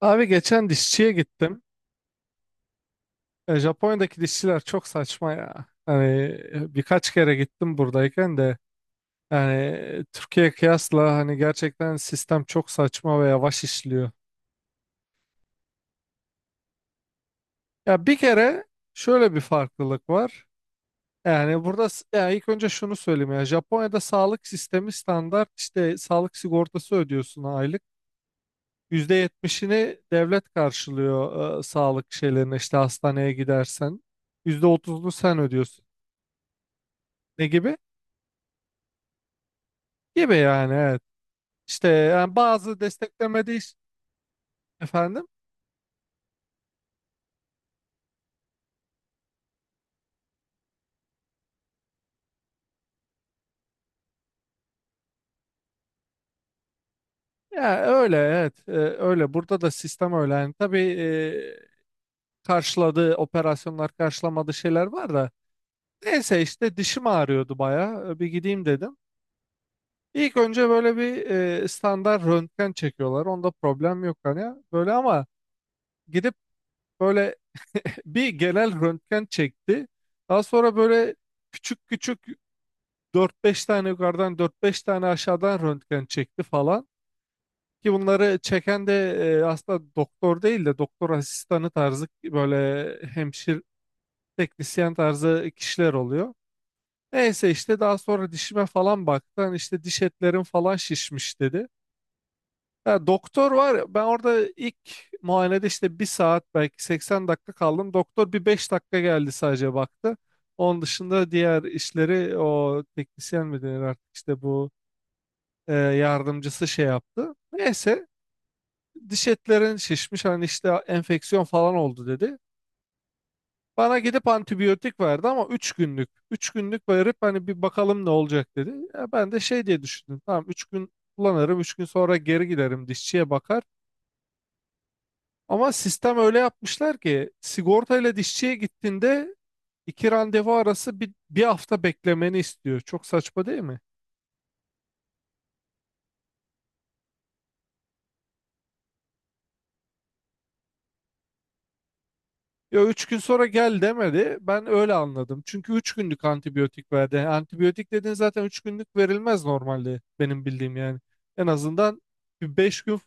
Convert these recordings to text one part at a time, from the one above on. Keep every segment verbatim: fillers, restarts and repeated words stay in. Abi geçen dişçiye gittim. E, Japonya'daki dişçiler çok saçma ya. Hani e, birkaç kere gittim buradayken de, yani Türkiye kıyasla hani gerçekten sistem çok saçma ve yavaş işliyor. Ya bir kere, şöyle bir farklılık var. Yani burada s- ya ilk önce şunu söyleyeyim ya, Japonya'da sağlık sistemi standart, işte sağlık sigortası ödüyorsun aylık. Yüzde yetmişini devlet karşılıyor, e, sağlık şeylerine işte, hastaneye gidersen. Yüzde otuzunu sen ödüyorsun. Ne gibi? Gibi yani, evet. İşte yani bazı desteklemediği iş- efendim. Ya öyle, evet. E, öyle burada da sistem öyle, yani tabii, e, karşıladığı operasyonlar, karşılamadığı şeyler var da, neyse işte dişim ağrıyordu bayağı. E, bir gideyim dedim. İlk önce böyle bir, e, standart röntgen çekiyorlar, onda problem yok hani böyle, ama gidip böyle bir genel röntgen çekti. Daha sonra böyle küçük küçük dört beş tane yukarıdan, dört beş tane aşağıdan röntgen çekti falan. Ki bunları çeken de e, aslında doktor değil de, doktor asistanı tarzı, böyle hemşir teknisyen tarzı kişiler oluyor. Neyse işte daha sonra dişime falan baktı. Hani işte diş etlerim falan şişmiş dedi. Ya doktor var ya, ben orada ilk muayenede işte bir saat, belki 80 dakika kaldım. Doktor bir 5 dakika geldi, sadece baktı. Onun dışında diğer işleri o teknisyen mi denir artık, işte bu e, yardımcısı şey yaptı. Neyse, diş etlerin şişmiş hani, işte enfeksiyon falan oldu dedi. Bana gidip antibiyotik verdi ama üç günlük. Üç günlük verip hani bir bakalım ne olacak dedi. Ya ben de şey diye düşündüm. Tamam, üç gün kullanırım, üç gün sonra geri giderim dişçiye bakar. Ama sistem öyle yapmışlar ki sigortayla dişçiye gittiğinde iki randevu arası bir, bir hafta beklemeni istiyor. Çok saçma değil mi? Ya üç gün sonra gel demedi, ben öyle anladım. Çünkü üç günlük antibiyotik verdi. Yani antibiyotik dediğin zaten üç günlük verilmez normalde, benim bildiğim yani. En azından bir beş gün,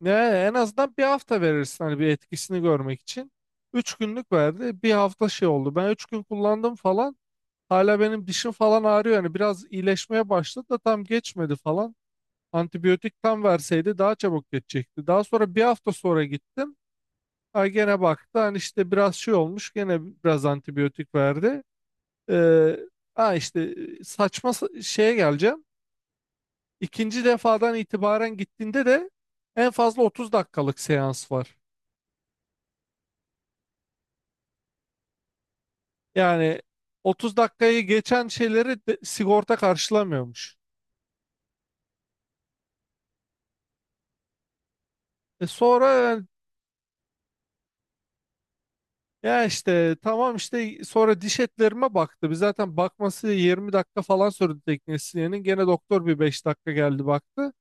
ne, en azından bir hafta verirsin hani, bir etkisini görmek için. Üç günlük verdi. Bir hafta şey oldu. Ben üç gün kullandım falan. Hala benim dişim falan ağrıyor. Yani biraz iyileşmeye başladı da tam geçmedi falan. Antibiyotik tam verseydi daha çabuk geçecekti. Daha sonra bir hafta sonra gittim. Ha, gene baktı hani, işte biraz şey olmuş, gene biraz antibiyotik verdi. Ee, ha işte, e, saçma sa- şeye geleceğim. İkinci defadan itibaren gittiğinde de en fazla 30 dakikalık seans var. Yani 30 dakikayı geçen şeyleri de- sigorta karşılamıyormuş. E sonra yani- ya işte tamam, işte sonra diş etlerime baktı. Biz zaten bakması 20 dakika falan sürdü teknisyenin. Gene doktor bir beş dakika geldi, baktı.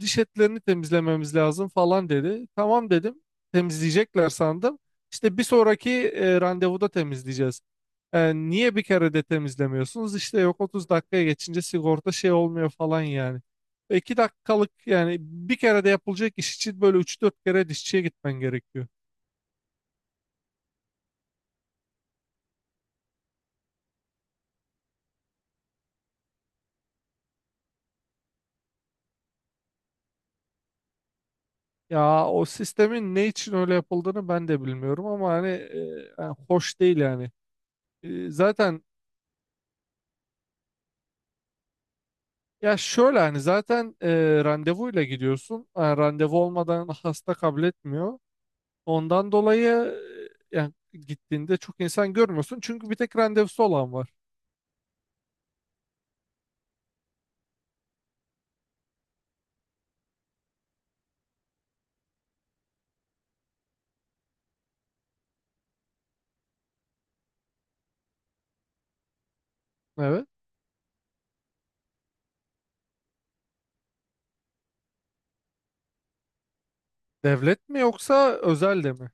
Diş etlerini temizlememiz lazım falan dedi. Tamam dedim. Temizleyecekler sandım. İşte bir sonraki e, randevuda temizleyeceğiz. E, niye bir kere de temizlemiyorsunuz? İşte yok, 30 dakikaya geçince sigorta şey olmuyor falan yani. 2 dakikalık yani, bir kere de yapılacak iş için böyle üç dört kere dişçiye gitmen gerekiyor. Ya o sistemin ne için öyle yapıldığını ben de bilmiyorum ama hani, e, yani hoş değil yani. E, zaten Ya şöyle hani zaten, e, randevuyla gidiyorsun. Yani randevu olmadan hasta kabul etmiyor. Ondan dolayı e, yani gittiğinde çok insan görmüyorsun. Çünkü bir tek randevusu olan var. Evet. Devlet mi yoksa özelde mi?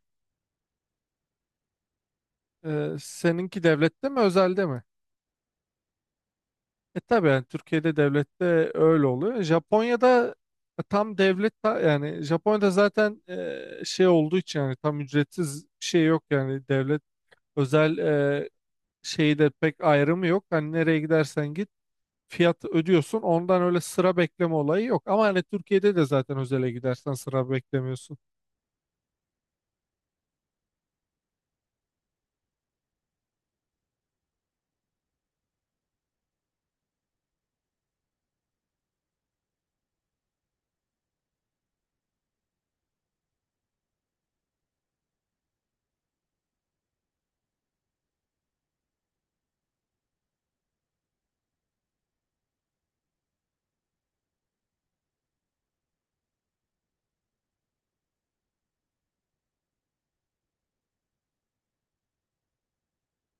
E, seninki devlette mi, özelde mi? E tabii yani, Türkiye'de devlette öyle oluyor. Japonya'da, e, tam devlet ta- yani Japonya'da zaten e, şey olduğu için, yani tam ücretsiz bir şey yok yani, devlet özel şeyde pek ayrımı yok. Hani nereye gidersen git, fiyat ödüyorsun. Ondan öyle sıra bekleme olayı yok. Ama hani Türkiye'de de zaten özele gidersen sıra beklemiyorsun.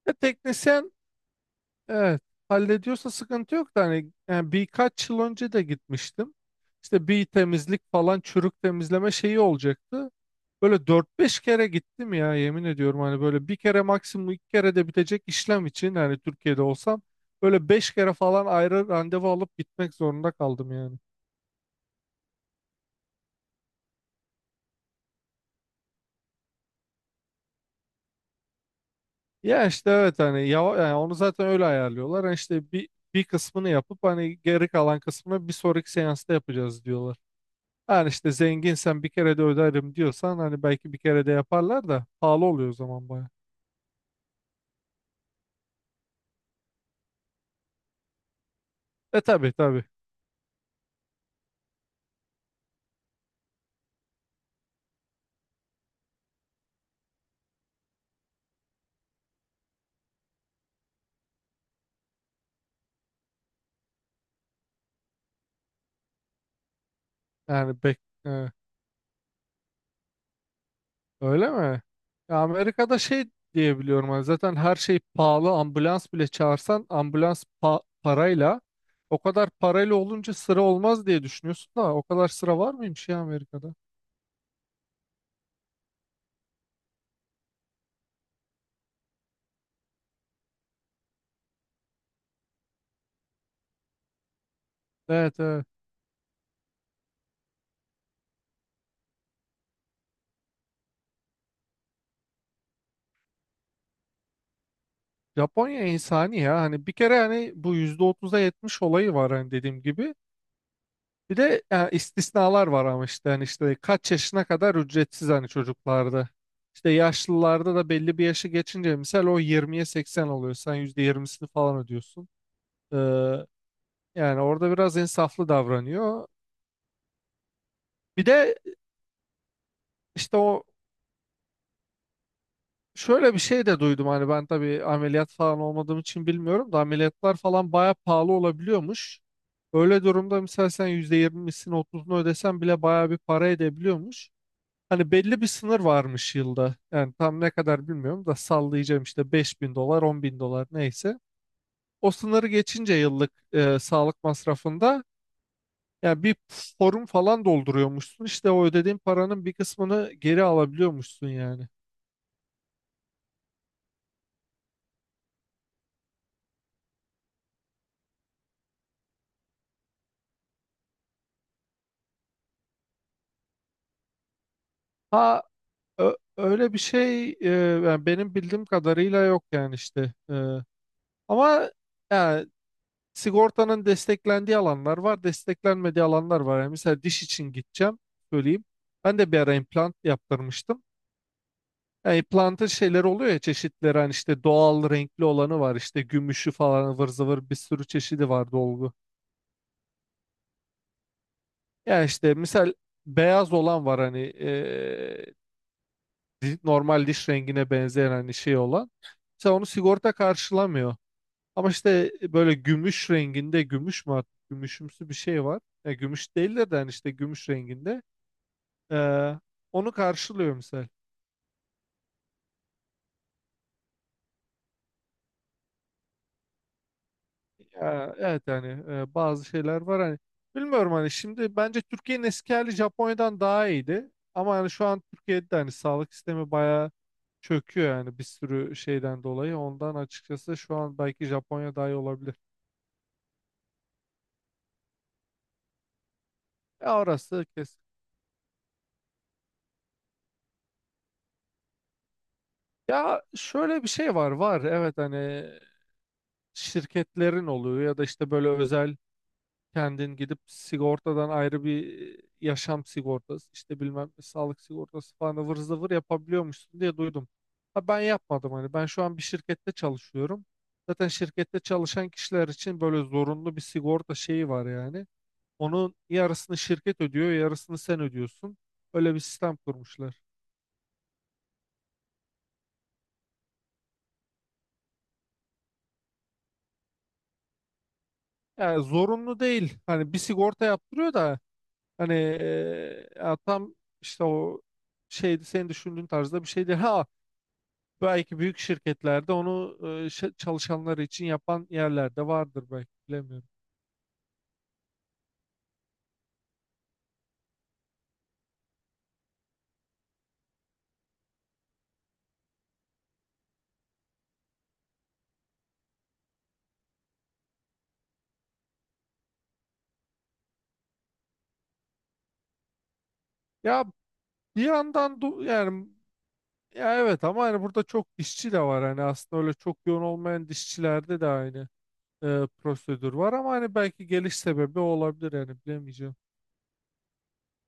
E, teknisyen, evet, hallediyorsa sıkıntı yok da hani yani birkaç yıl önce de gitmiştim. İşte bir temizlik falan, çürük temizleme şeyi olacaktı. Böyle dört beş kere gittim ya, yemin ediyorum, hani böyle bir kere, maksimum iki kere de bitecek işlem için hani, Türkiye'de olsam böyle beş kere falan ayrı randevu alıp gitmek zorunda kaldım yani. Ya işte evet, hani yava- yani onu zaten öyle ayarlıyorlar. Hani işte bir bir kısmını yapıp hani geri kalan kısmını bir sonraki seansta yapacağız diyorlar. Yani işte zenginsen bir kere de öderim diyorsan hani belki bir kere de yaparlar da pahalı oluyor o zaman baya. E tabi tabi. Yani bek e, Öyle mi? Ya Amerika'da şey diyebiliyorum hani, zaten her şey pahalı. Ambulans bile çağırsan ambulans pa- parayla, o kadar parayla olunca sıra olmaz diye düşünüyorsun da, o kadar sıra var mıymış ya Amerika'da? Evet, evet. Japonya insani ya. Hani bir kere hani bu yüzde otuz'a yetmiş olayı var hani, dediğim gibi. Bir de yani istisnalar var ama işte hani, işte kaç yaşına kadar ücretsiz hani, çocuklarda. İşte yaşlılarda da belli bir yaşı geçince misal o yirmiye seksen oluyor. Sen yüzde yirmisini falan ödüyorsun. Ee, Yani orada biraz insaflı davranıyor. Bir de işte o, şöyle bir şey de duydum hani, ben tabii ameliyat falan olmadığım için bilmiyorum da ameliyatlar falan baya pahalı olabiliyormuş. Öyle durumda mesela sen yüzde yirmisini, otuzunu ödesen bile bayağı bir para edebiliyormuş. Hani belli bir sınır varmış yılda. Yani tam ne kadar bilmiyorum da sallayacağım işte, beş bin dolar, on bin dolar bin dolar, neyse. O sınırı geçince yıllık e, sağlık masrafında, yani bir forum falan dolduruyormuşsun. İşte o ödediğin paranın bir kısmını geri alabiliyormuşsun yani. Ha, ö- öyle bir şey e, yani benim bildiğim kadarıyla yok yani işte. E, ama yani, sigortanın desteklendiği alanlar var, desteklenmediği alanlar var. Yani mesela diş için gideceğim, söyleyeyim. Ben de bir ara implant yaptırmıştım. Yani implantın şeyleri oluyor ya, çeşitleri hani, işte doğal renkli olanı var, işte gümüşü falan, ıvır zıvır bir sürü çeşidi var, dolgu. Yani işte misal beyaz olan var hani, eee, di- normal diş rengine benzeyen, hani şey olan. Mesela onu sigorta karşılamıyor. Ama işte e, böyle gümüş renginde, gümüş mü artık, gümüşümsü bir şey var. Ya gümüş değildir de yani işte gümüş renginde. Ee, onu karşılıyor misal. Ya, evet yani, e, bazı şeyler var hani. Bilmiyorum hani şimdi, bence Türkiye'nin eski hali Japonya'dan daha iyiydi. Ama yani şu an Türkiye'de de hani sağlık sistemi bayağı çöküyor yani, bir sürü şeyden dolayı. Ondan açıkçası şu an belki Japonya daha iyi olabilir. Ya orası kesin. Ya şöyle bir şey var var, evet hani, şirketlerin oluyor ya da işte böyle özel, kendin gidip sigortadan ayrı bir yaşam sigortası, işte bilmem ne, sağlık sigortası falan ıvır zıvır yapabiliyormuşsun diye duydum. Ha, ben yapmadım hani, ben şu an bir şirkette çalışıyorum. Zaten şirkette çalışan kişiler için böyle zorunlu bir sigorta şeyi var yani. Onun yarısını şirket ödüyor, yarısını sen ödüyorsun. Öyle bir sistem kurmuşlar. Yani zorunlu değil. Hani bir sigorta yaptırıyor da, hani eee, ya tam işte o şeydi, senin düşündüğün tarzda bir şeydi. Ha, belki büyük şirketlerde onu eee, şe- çalışanları için yapan yerlerde vardır belki, bilemiyorum. Ya bir yandan du- yani, ya evet ama hani burada çok işçi de var hani, aslında öyle çok yoğun olmayan dişçilerde de aynı eee, prosedür var ama hani belki geliş sebebi o olabilir yani, bilemeyeceğim.